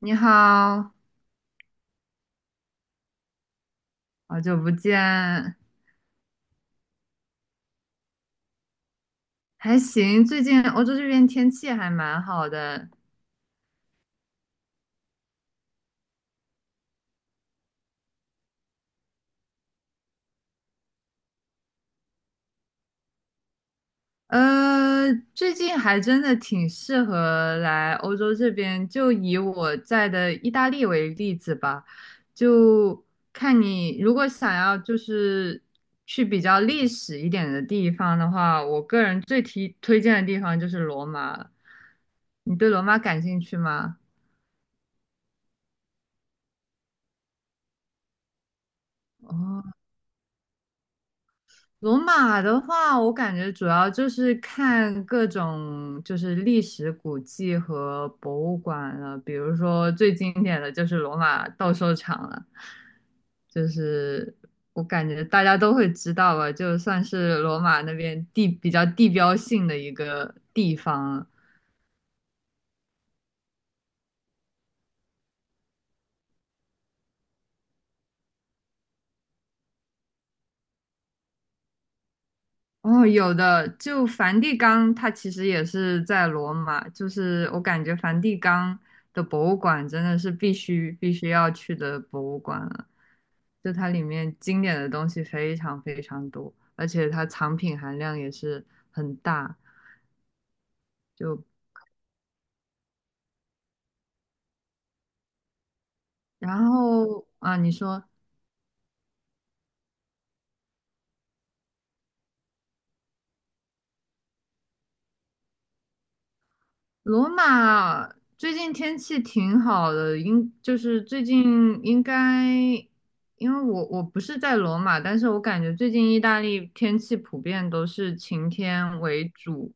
你好，好久不见，还行。最近欧洲这边天气还蛮好的。最近还真的挺适合来欧洲这边。就以我在的意大利为例子吧，就看你如果想要就是去比较历史一点的地方的话，我个人最推荐的地方就是罗马了。你对罗马感兴趣吗？哦。罗马的话，我感觉主要就是看各种就是历史古迹和博物馆了，比如说最经典的就是罗马斗兽场了，就是我感觉大家都会知道吧，就算是罗马那边地比较地标性的一个地方。哦，有的，就梵蒂冈，它其实也是在罗马，就是我感觉梵蒂冈的博物馆真的是必须要去的博物馆了，就它里面经典的东西非常非常多，而且它藏品含量也是很大。就然后啊，你说。罗马最近天气挺好的，应就是最近应该，因为我不是在罗马，但是我感觉最近意大利天气普遍都是晴天为主，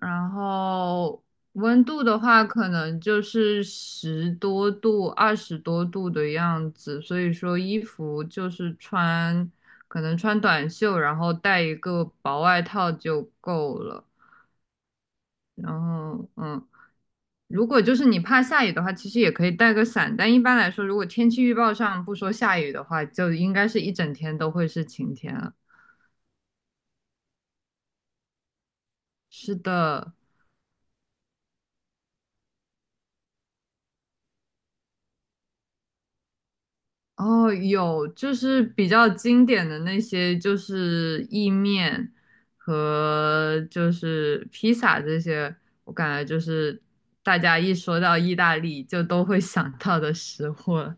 然后温度的话可能就是十多度、20多度的样子，所以说衣服就是穿，可能穿短袖，然后带一个薄外套就够了。然后如果就是你怕下雨的话，其实也可以带个伞，但一般来说，如果天气预报上不说下雨的话，就应该是一整天都会是晴天了。是的。哦，有就是比较经典的那些，就是意面和就是披萨这些，我感觉就是大家一说到意大利就都会想到的食物了。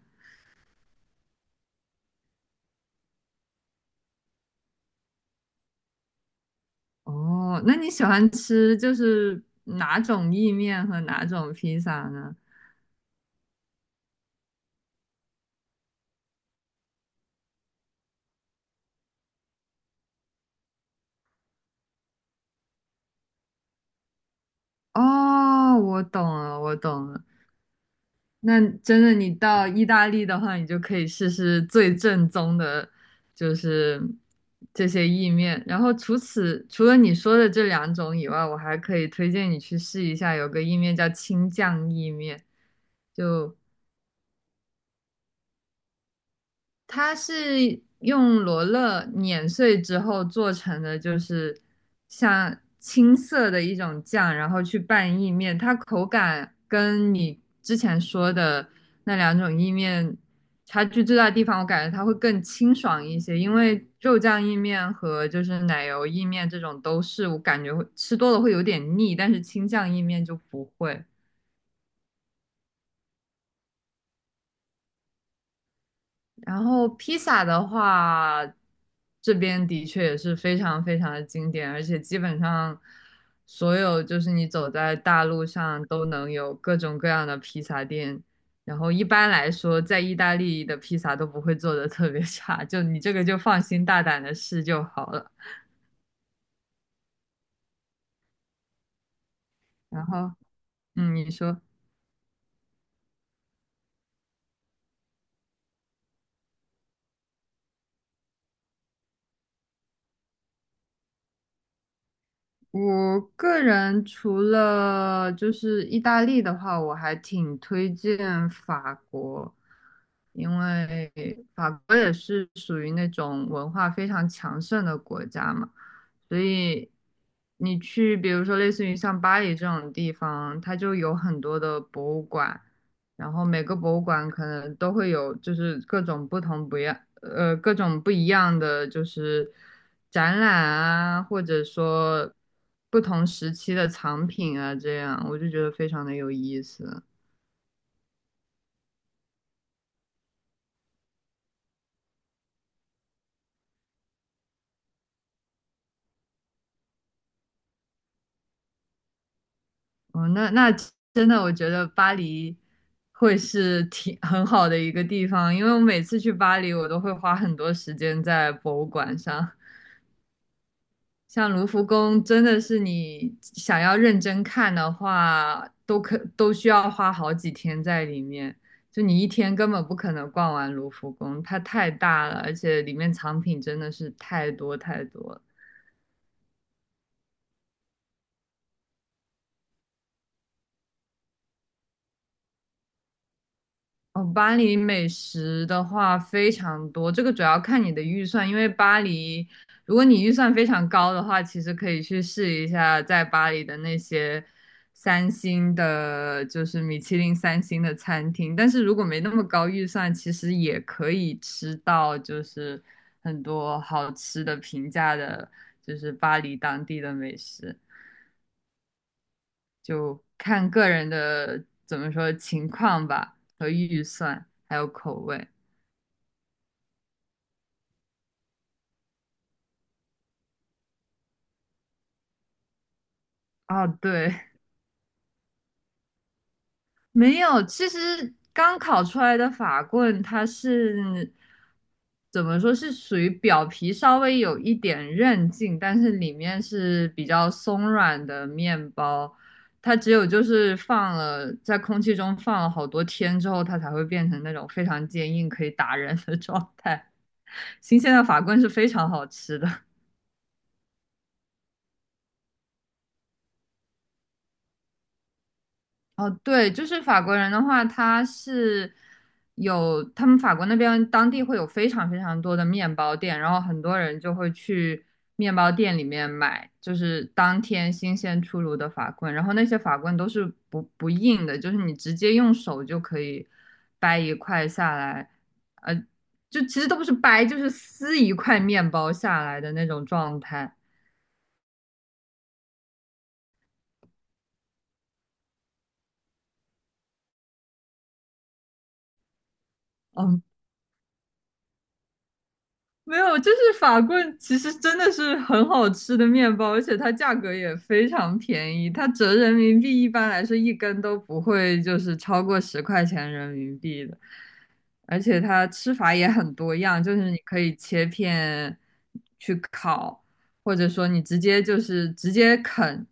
哦，那你喜欢吃就是哪种意面和哪种披萨呢？哦，我懂了，我懂了。那真的，你到意大利的话，你就可以试试最正宗的，就是这些意面。然后除了你说的这两种以外，我还可以推荐你去试一下，有个意面叫青酱意面，就它是用罗勒碾碎之后做成的，就是像青色的一种酱，然后去拌意面。它口感跟你之前说的那两种意面差距最大的地方，我感觉它会更清爽一些，因为肉酱意面和就是奶油意面这种都是我感觉会吃多了会有点腻，但是青酱意面就不会。然后披萨的话，这边的确也是非常非常的经典，而且基本上所有就是你走在大路上都能有各种各样的披萨店。然后一般来说，在意大利的披萨都不会做的特别差，就你这个就放心大胆的试就好了。然后，你说。我个人除了就是意大利的话，我还挺推荐法国，因为法国也是属于那种文化非常强盛的国家嘛。所以你去，比如说类似于像巴黎这种地方，它就有很多的博物馆，然后每个博物馆可能都会有，就是各种不一样，各种不一样的就是展览啊，或者说不同时期的藏品啊，这样我就觉得非常的有意思。哦，那真的，我觉得巴黎会是挺 很好的一个地方，因为我每次去巴黎，我都会花很多时间在博物馆上。像卢浮宫，真的是你想要认真看的话，都需要花好几天在里面。就你一天根本不可能逛完卢浮宫，它太大了，而且里面藏品真的是太多太多了。哦，巴黎美食的话非常多，这个主要看你的预算，因为巴黎，如果你预算非常高的话，其实可以去试一下在巴黎的那些三星的，就是米其林三星的餐厅。但是如果没那么高预算，其实也可以吃到就是很多好吃的、平价的，就是巴黎当地的美食，就看个人的怎么说情况吧和预算，还有口味。啊，对，没有。其实刚烤出来的法棍，它是怎么说是属于表皮稍微有一点韧劲，但是里面是比较松软的面包。它只有就是放了在空气中放了好多天之后，它才会变成那种非常坚硬可以打人的状态。新鲜的法棍是非常好吃的。哦，对，就是法国人的话，他是有他们法国那边当地会有非常非常多的面包店，然后很多人就会去面包店里面买，就是当天新鲜出炉的法棍，然后那些法棍都是不硬的，就是你直接用手就可以掰一块下来，呃，就其实都不是掰，就是撕一块面包下来的那种状态。嗯。没有，就是法棍，其实真的是很好吃的面包，而且它价格也非常便宜，它折人民币一般来说一根都不会就是超过10块钱人民币的，而且它吃法也很多样，就是你可以切片去烤，或者说你直接就是直接啃。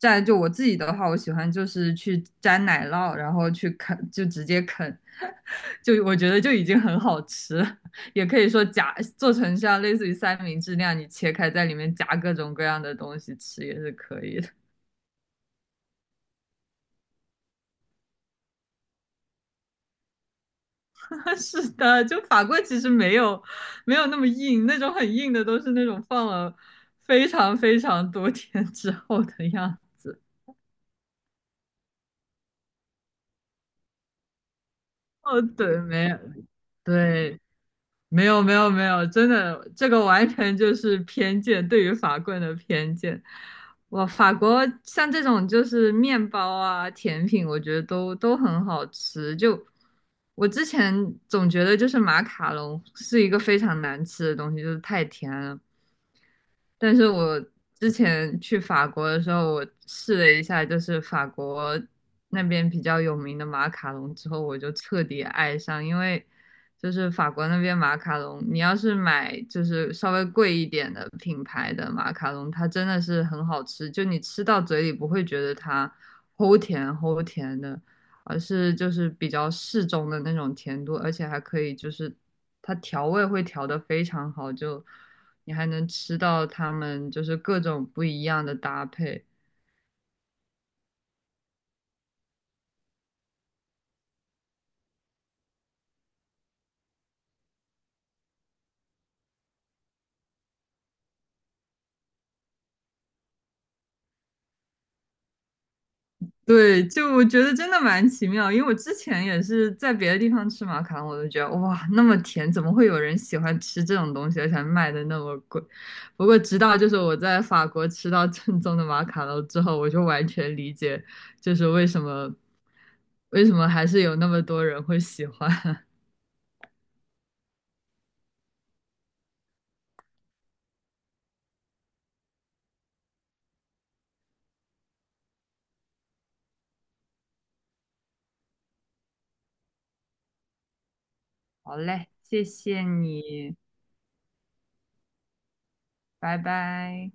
蘸就我自己的话，我喜欢就是去沾奶酪，然后去啃，就直接啃，就我觉得就已经很好吃了。也可以说夹做成像类似于三明治那样，你切开在里面夹各种各样的东西吃也是可以的。是的，就法棍其实没有那么硬，那种很硬的都是那种放了非常非常多天之后的样子。哦，对，没有，对，没有没有没有，真的，这个完全就是偏见，对于法棍的偏见。哇，法国像这种就是面包啊、甜品，我觉得都很好吃。就我之前总觉得就是马卡龙是一个非常难吃的东西，就是太甜了。但是我之前去法国的时候，我试了一下，就是法国那边比较有名的马卡龙之后，我就彻底爱上，因为就是法国那边马卡龙，你要是买就是稍微贵一点的品牌的马卡龙，它真的是很好吃，就你吃到嘴里不会觉得它齁甜齁甜的，而是就是比较适中的那种甜度，而且还可以就是它调味会调得非常好，就。你还能吃到他们就是各种不一样的搭配。对，就我觉得真的蛮奇妙，因为我之前也是在别的地方吃马卡龙，我都觉得哇，那么甜，怎么会有人喜欢吃这种东西，而且还卖的那么贵？不过直到就是我在法国吃到正宗的马卡龙之后，我就完全理解，就是为什么还是有那么多人会喜欢。好嘞，谢谢你，拜拜。